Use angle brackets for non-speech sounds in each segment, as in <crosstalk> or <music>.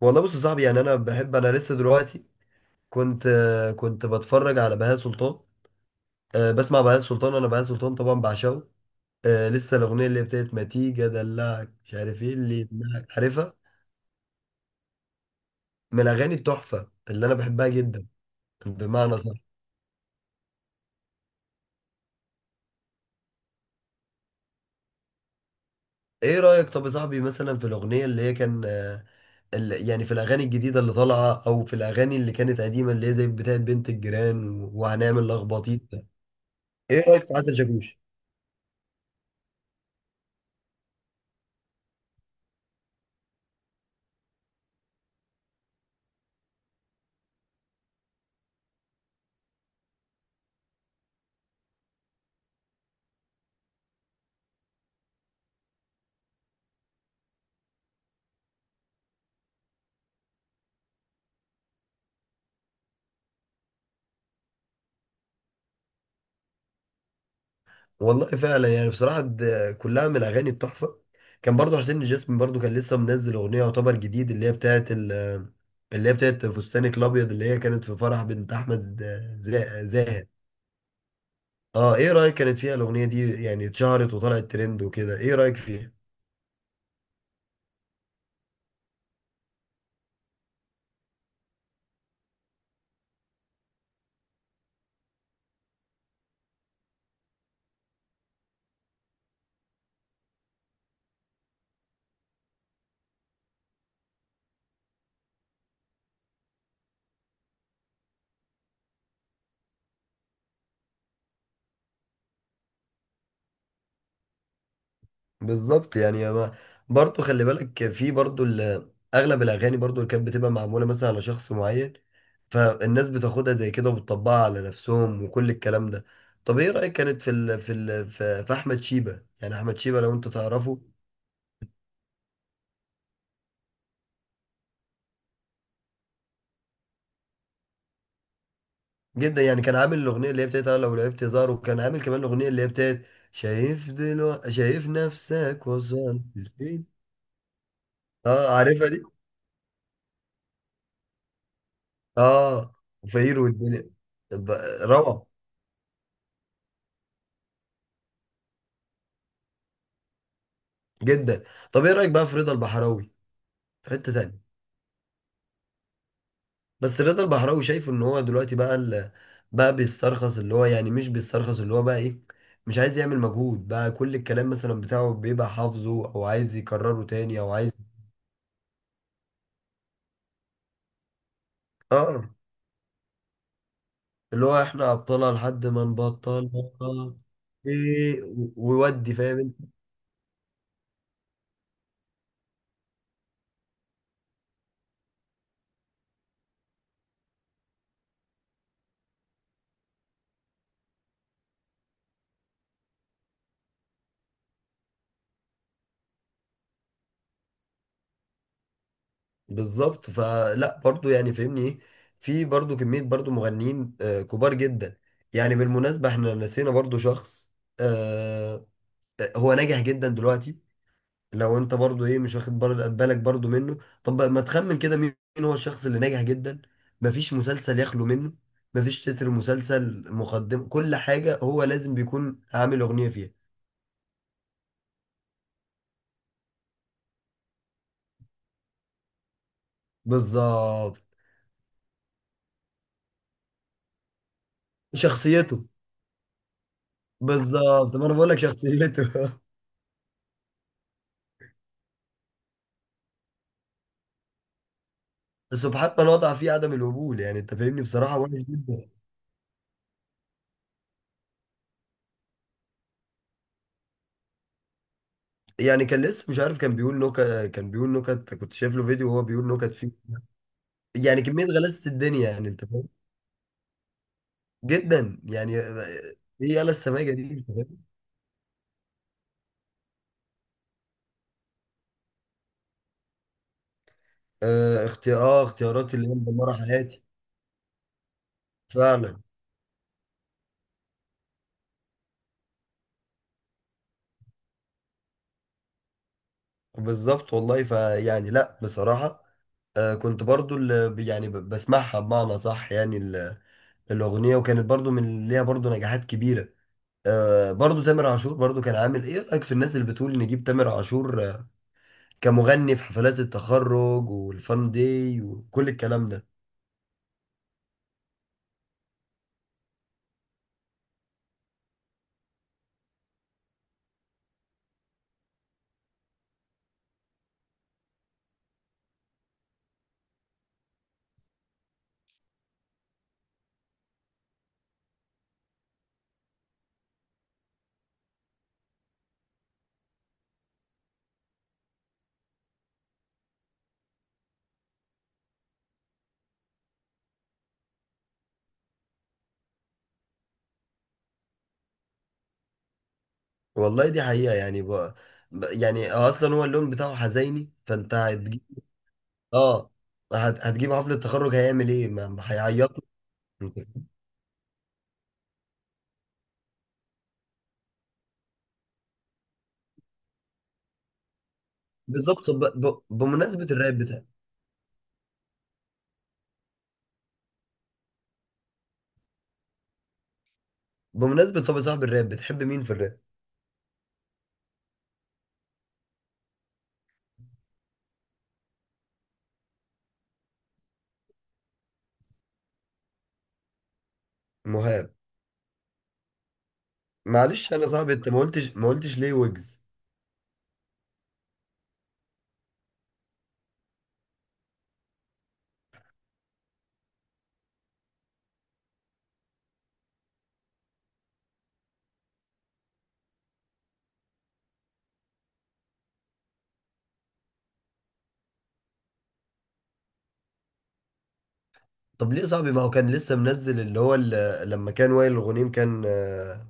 والله بص يا صاحبي، يعني انا بحب. انا لسه دلوقتي كنت كنت بتفرج على بهاء سلطان. بسمع بهاء سلطان. انا بهاء سلطان طبعا بعشقه. لسه الاغنيه اللي بتاعت ما تيجي ادلعك مش عارف ايه اللي يمنعك، عارفها؟ من الاغاني التحفه اللي انا بحبها جدا. بمعنى صح. ايه رايك طب يا صاحبي مثلا في الاغنيه اللي هي كان يعني في الاغاني الجديده اللي طالعه، او في الاغاني اللي كانت قديمه اللي هي زي بتاعت بنت الجيران وهنعمل لخبطيط ده؟ ايه رايك في عسل شاكوش؟ والله فعلا يعني بصراحة ده كلها من الأغاني التحفة. كان برضو حسين الجسمي برضو كان لسه منزل أغنية يعتبر جديد، اللي هي اللي هي بتاعت فستانك الأبيض، اللي هي كانت في فرح بنت أحمد زاهد. اه، ايه رأيك كانت فيها الأغنية دي؟ يعني اتشهرت وطلعت ترند وكده، ايه رأيك فيها؟ بالظبط. يعني ما برضو خلي بالك في برضو أغلب الأغاني برضو اللي كانت بتبقى معمولة مثلا على شخص معين، فالناس بتاخدها زي كده وبتطبقها على نفسهم وكل الكلام ده. طب ايه رأيك كانت في ال في ال في في احمد شيبة؟ يعني احمد شيبة لو انت تعرفه. جدا يعني. كان عامل الاغنيه اللي هي بتاعت لو لعبت زار، وكان عامل كمان الاغنيه اللي هي بتاعت شايف دلوقتي، شايف نفسك وصلت لفين. اه عارفها دي. اه فقير والدنيا. طب، روعه جدا. طب ايه رايك بقى في رضا البحراوي؟ في حته تانية. بس رضا البحراوي شايفه ان هو دلوقتي بقى بقى بيسترخص، اللي هو يعني مش بيسترخص، اللي هو بقى ايه، مش عايز يعمل مجهود بقى. كل الكلام مثلا بتاعه بيبقى حافظه او عايز يكرره تاني او عايز. اه، اللي هو احنا ابطالها لحد ما نبطل بطل. ايه ويودي، فاهم انت؟ بالظبط فلا، برضو يعني فاهمني ايه. في برضو كمية برضو مغنيين كبار جدا. يعني بالمناسبة، احنا نسينا برضو شخص، آه، هو ناجح جدا دلوقتي. لو انت برضو ايه، مش واخد بالك برضو منه. طب بقى ما تخمن كده مين هو الشخص اللي ناجح جدا؟ مفيش مسلسل يخلو منه، مفيش تتر مسلسل مقدم كل حاجة هو لازم بيكون عامل أغنية فيها. بالظبط. شخصيته. بالظبط، طب انا بقول لك شخصيته. <laughs> سبحان من وضع فيه عدم القبول. يعني انت فاهمني، بصراحة وحش جدا. يعني كان لسه مش عارف، كان بيقول نكت. كان بيقول نكت، كنت شايف له فيديو وهو بيقول نكت فيه. يعني كمية غلاسة الدنيا، يعني انت فاهم. جدا يعني، ايه. يلا السماجه دي، انت فاهم؟ آه اختيار، اه اختيارات اللي هي مدمره حياتي. فعلا. بالظبط والله، فيعني لا بصراحه. آه كنت برضو اللي يعني بسمعها بمعنى صح. يعني الاغنيه وكانت برضو من ليها برضو نجاحات كبيره. آه برضو تامر عاشور برضو كان عامل. ايه رايك في الناس اللي بتقول نجيب تامر عاشور كمغني في حفلات التخرج والفان داي وكل الكلام ده؟ والله دي حقيقه. يعني بقى، يعني اصلا هو اللون بتاعه حزيني، فانت هتجيب. اه، هتجيب حفلة تخرج هيعمل ايه؟ ما هيعيط له. بالظبط. طب بمناسبة الراب بتاع. بمناسبة، طب يا صاحب، الراب بتحب مين في الراب؟ مهاب. معلش انا صاحبي، انت ما قلتش ليه ويجز؟ طب ليه يا صاحبي؟ ما هو كان لسه منزل اللي هو لما كان وائل الغنيم كان، آه،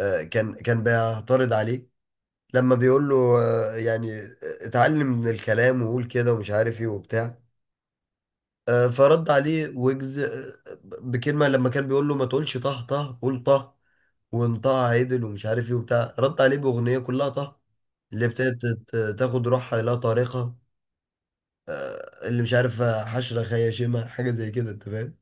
آه، كان بيعترض عليه. لما بيقول له آه، يعني آه، اتعلم من الكلام وقول كده ومش عارف ايه وبتاع. فرد عليه ويجز بكلمة. لما كان بيقول له ما تقولش طه، طه قول طه، وانطقها عدل ومش عارف ايه وبتاع، رد عليه باغنيه كلها طه، اللي ابتدت تاخد روحها لا طريقه، اللي مش عارف حشره خياشمه حاجه زي كده، انت فاهم.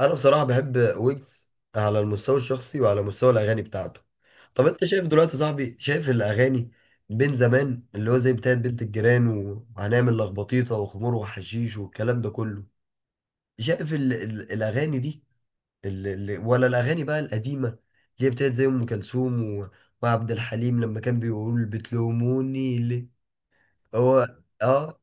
انا بصراحه بحب ويجز، على المستوى الشخصي وعلى مستوى الاغاني بتاعته. طب انت شايف دلوقتي يا صاحبي، شايف الاغاني بين زمان اللي هو زي بتاعت بنت الجيران وهنعمل لخبطيطه وخمور وحشيش والكلام ده كله، شايف ال الاغاني دي ولا الاغاني بقى القديمه اللي هي بتاعت زي ام كلثوم وعبد الحليم لما كان بيقول بتلوموني ليه؟ هو، اه.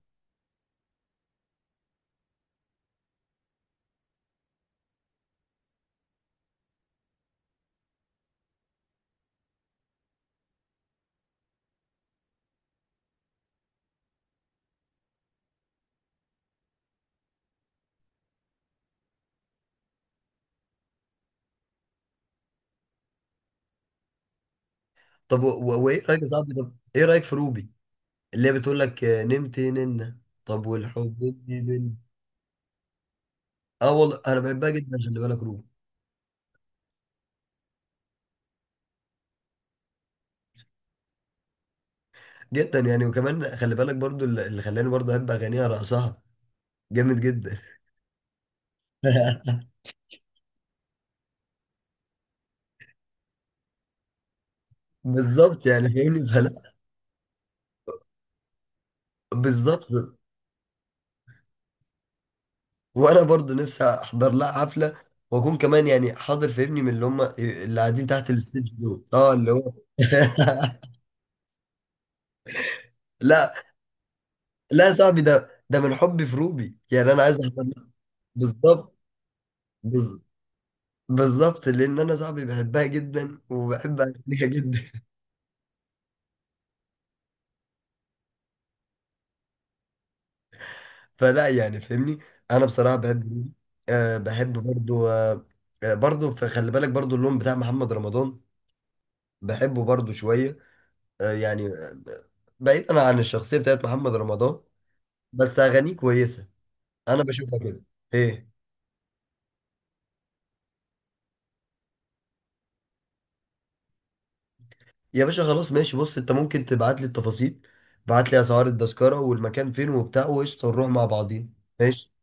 طب وايه رايك يا صاحبي؟ طب ايه رايك في روبي اللي هي بتقول لك نمت ننه، طب والحب إني بن؟ اه والله انا بحبها جدا. خلي بالك روبي جدا، يعني. وكمان خلي بالك برضو اللي خلاني برضو احب اغانيها، رقصها جامد جدا. <laughs> بالظبط يعني فاهمني فلا. بالظبط، وانا برضو نفسي احضر لها حفله، واكون كمان يعني حاضر، فاهمني، من اللي هم اللي قاعدين تحت الستيج دول، اه، اللي هو. <laughs> لا لا يا صاحبي، ده ده من حبي في روبي، يعني انا عايز احضر لها. بالظبط. بز- بالظبط، لان انا صاحبي بحبها جدا وبحب اغانيها جدا. <laughs> فلا يعني فاهمني. انا بصراحه بحب روبي. أه بحب برضو. أه، برضو فخلي بالك برضو اللون بتاع محمد رمضان. بحبه برضو شويه. أه يعني، بعيدا عن الشخصيه بتاعت محمد رمضان، بس اغانيه كويسه. انا بشوفها كده. ايه؟ يا باشا خلاص ماشي. بص انت ممكن تبعت لي التفاصيل، بعت لي اسعار التذكره والمكان فين وبتاع، وقشطه نروح مع بعضين. ماشي.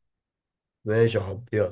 ماشي يا حبيبي، يلا.